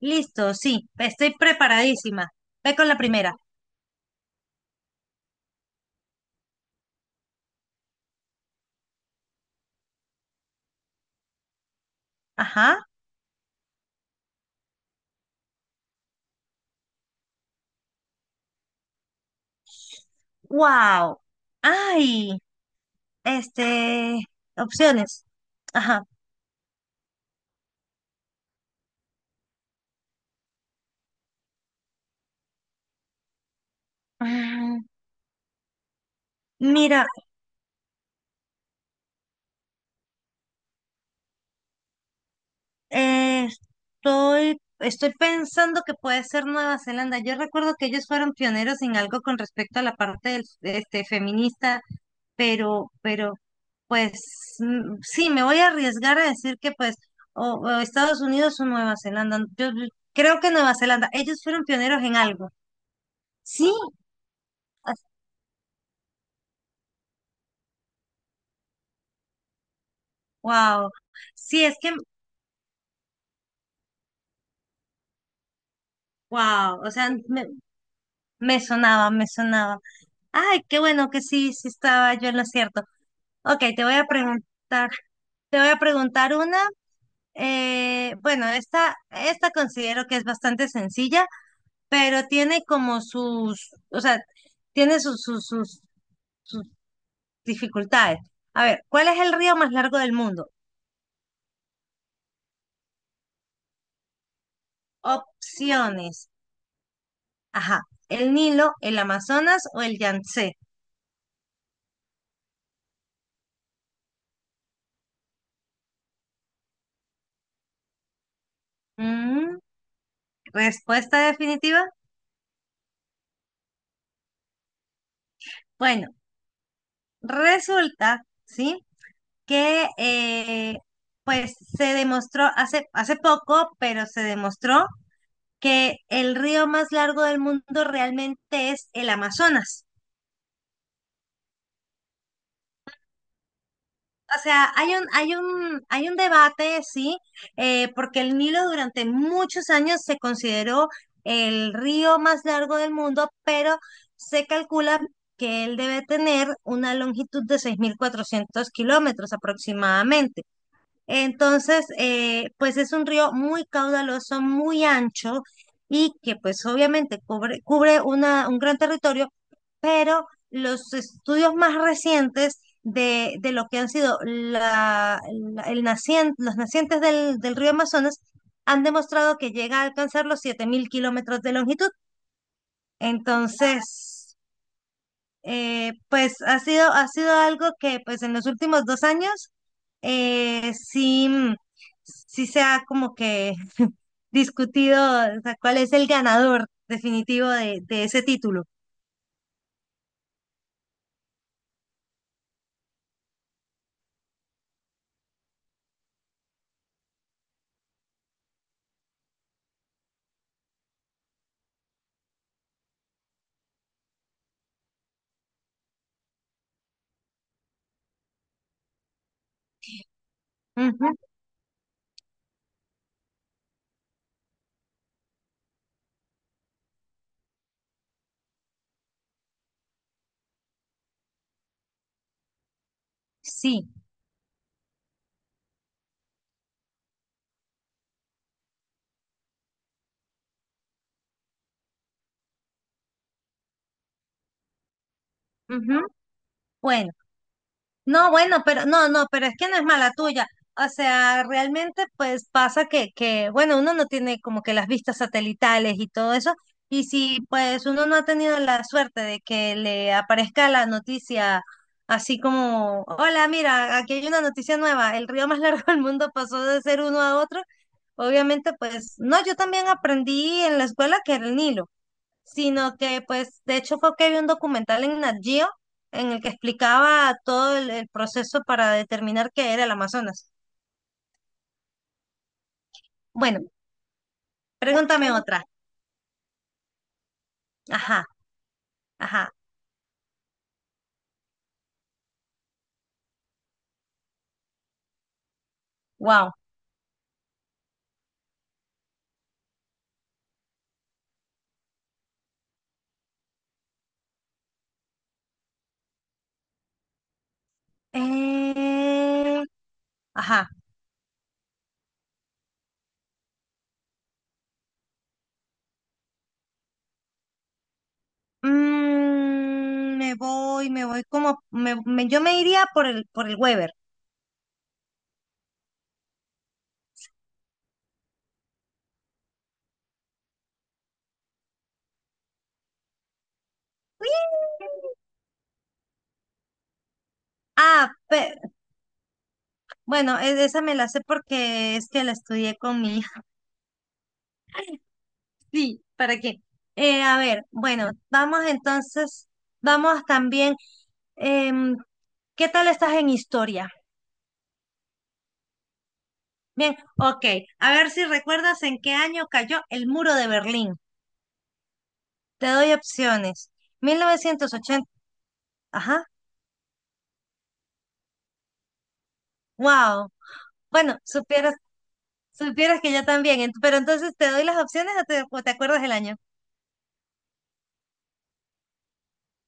Listo, sí, estoy preparadísima. Ve con la primera. Ajá. Wow. Ay, este, opciones. Ajá. Mm, Mira, eh, estoy pensando que puede ser Nueva Zelanda. Yo recuerdo que ellos fueron pioneros en algo con respecto a la parte feminista, pero, pues sí, me voy a arriesgar a decir que pues o Estados Unidos o Nueva Zelanda. Yo creo que Nueva Zelanda, ellos fueron pioneros en algo. Sí, wow. Sí, es que wow, o sea, me sonaba, me sonaba. Ay, qué bueno que sí, sí estaba yo en lo cierto. Ok, te voy a preguntar una. Bueno, esta considero que es bastante sencilla, pero tiene como o sea, tiene sus dificultades. A ver, ¿cuál es el río más largo del mundo? Opciones. Ajá, ¿el Nilo, el Amazonas o el Yangtze? Mm, respuesta definitiva. Bueno, resulta, ¿sí? Que pues se demostró hace poco, pero se demostró que el río más largo del mundo realmente es el Amazonas. O sea, hay un debate, sí, porque el Nilo durante muchos años se consideró el río más largo del mundo, pero se calcula que él debe tener una longitud de 6.400 kilómetros aproximadamente. Entonces, pues es un río muy caudaloso, muy ancho y que pues obviamente cubre un gran territorio, pero los estudios más recientes de lo que han sido los nacientes del río Amazonas han demostrado que llega a alcanzar los 7.000 kilómetros de longitud. Entonces. Pues ha sido algo que pues en los últimos 2 años, sí, sí se ha como que discutido, o sea, cuál es el ganador definitivo de ese título. Ujú. Sí. Ujú. Bueno. No, bueno, pero no, no, pero es que no es mala tuya. O sea, realmente pues pasa que, bueno, uno no tiene como que las vistas satelitales y todo eso. Y si pues uno no ha tenido la suerte de que le aparezca la noticia así como, hola, mira, aquí hay una noticia nueva, el río más largo del mundo pasó de ser uno a otro, obviamente pues, no, yo también aprendí en la escuela que era el Nilo, sino que pues de hecho fue que vi un documental en Nat Geo en el que explicaba todo el proceso para determinar qué era el Amazonas. Bueno, pregúntame otra. Ajá, ajá, wow. Eh, ajá. Me voy como, me- me- yo me iría por el Weber. Ah, bueno, esa me la sé porque es que la estudié con mi. Sí, ¿para qué? A ver, bueno, vamos también, em, ¿qué tal estás en historia? Bien, ok, a ver si recuerdas en qué año cayó el muro de Berlín. Te doy opciones. 1980. Ajá, wow. Bueno, supieras que yo también, pero entonces te doy las opciones o o te acuerdas del año.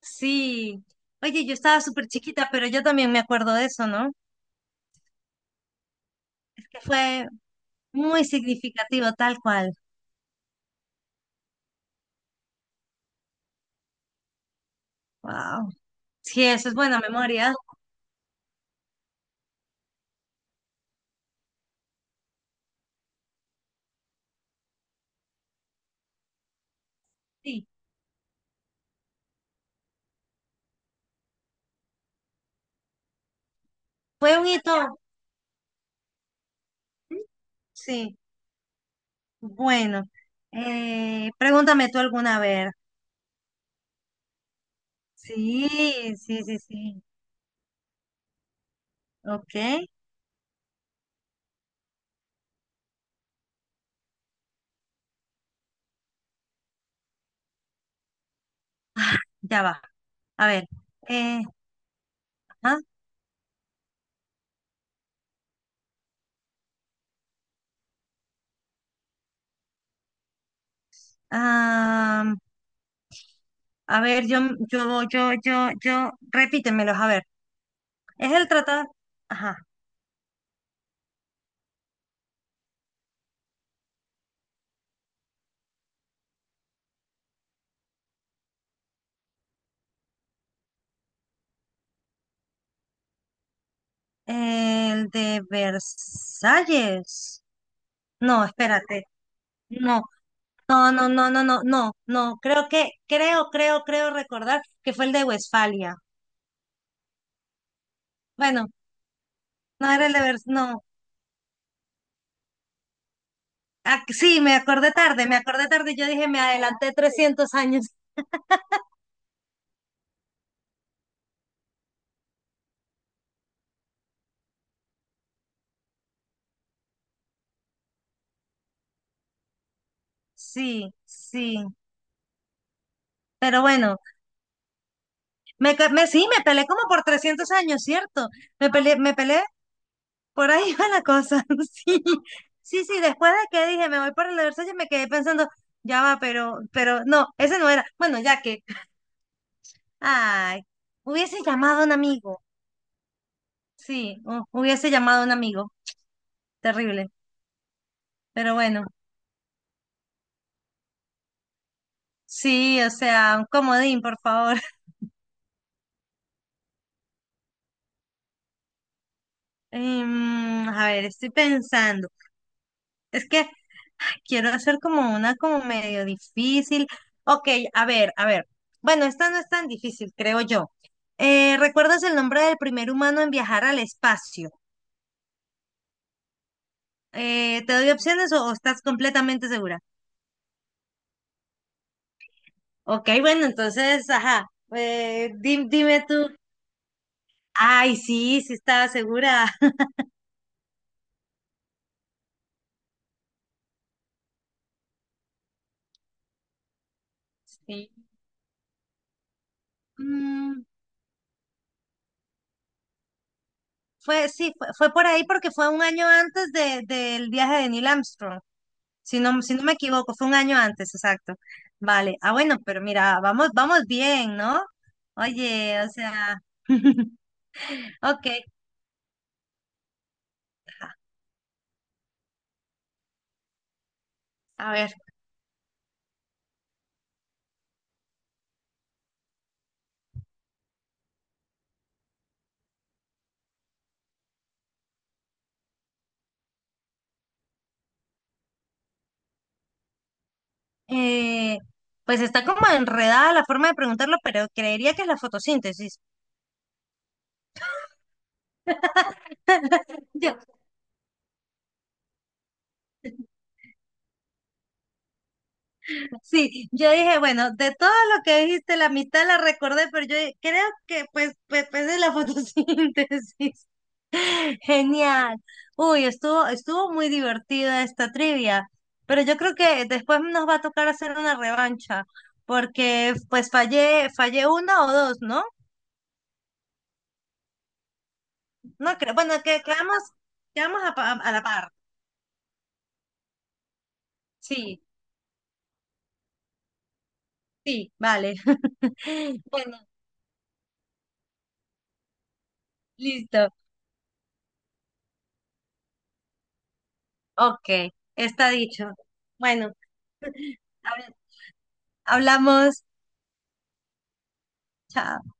Sí. Oye, yo estaba súper chiquita, pero yo también me acuerdo de eso, ¿no? Es que fue muy significativo, tal cual. Wow. Sí, eso es buena memoria. Sí, fue un hito. Sí, bueno. Pregúntame tú alguna vez. Sí, sí, sí, sí. Ok, ya va. A ver. eh, ah, am, a ver, yo, repítemelos, a ver. Es el tratado, ajá, el de Versalles. No, espérate. No, no, no, no, no, no, no, no. Creo recordar que fue el de Westfalia. Bueno, no era el de Vers, no. Ah, sí, me acordé tarde, me acordé tarde. Yo dije, me adelanté 300 años. Sí, sí. Pero bueno, me, ca- me sí, me peleé como por 300 años, ¿cierto? Me peleé, por ahí va la cosa. Sí, sí, sí. Después de que dije, me voy para el de Versalles, me quedé pensando, ya va, pero no, ese no era. Bueno, ya que, ay, hubiese llamado a un amigo. Sí, hubiese llamado a un amigo, terrible. Pero bueno, sí, o sea, un comodín, por favor. A ver, estoy pensando. Es que quiero hacer como una como medio difícil. Ok, a ver, a ver. Bueno, esta no es tan difícil, creo yo. ¿Recuerdas el nombre del primer humano en viajar al espacio? ¿Te doy opciones o estás completamente segura? Ok, bueno, entonces, ajá. Dime tú. Ay, sí, sí estaba segura. Sí. Mm, sí, fue por ahí porque fue un año antes del viaje de Neil Armstrong, si no, si no me equivoco, fue un año antes, exacto. Vale, ah, bueno, pero mira, vamos bien, ¿no? Oye, o sea, ok, a ver, eh, pues está como enredada la forma de preguntarlo, pero creería que es la fotosíntesis. Yo, sí, yo dije, bueno, de todo lo que dijiste, la mitad la recordé, pero yo creo que pues es la fotosíntesis. Genial. Uy, estuvo muy divertida esta trivia, pero yo creo que después nos va a tocar hacer una revancha, porque pues fallé una o dos, ¿no? No creo, bueno, que quedamos, a la par. Sí, sí, vale. Bueno, listo. Ok, está dicho. Bueno, hab- hablamos. Chao.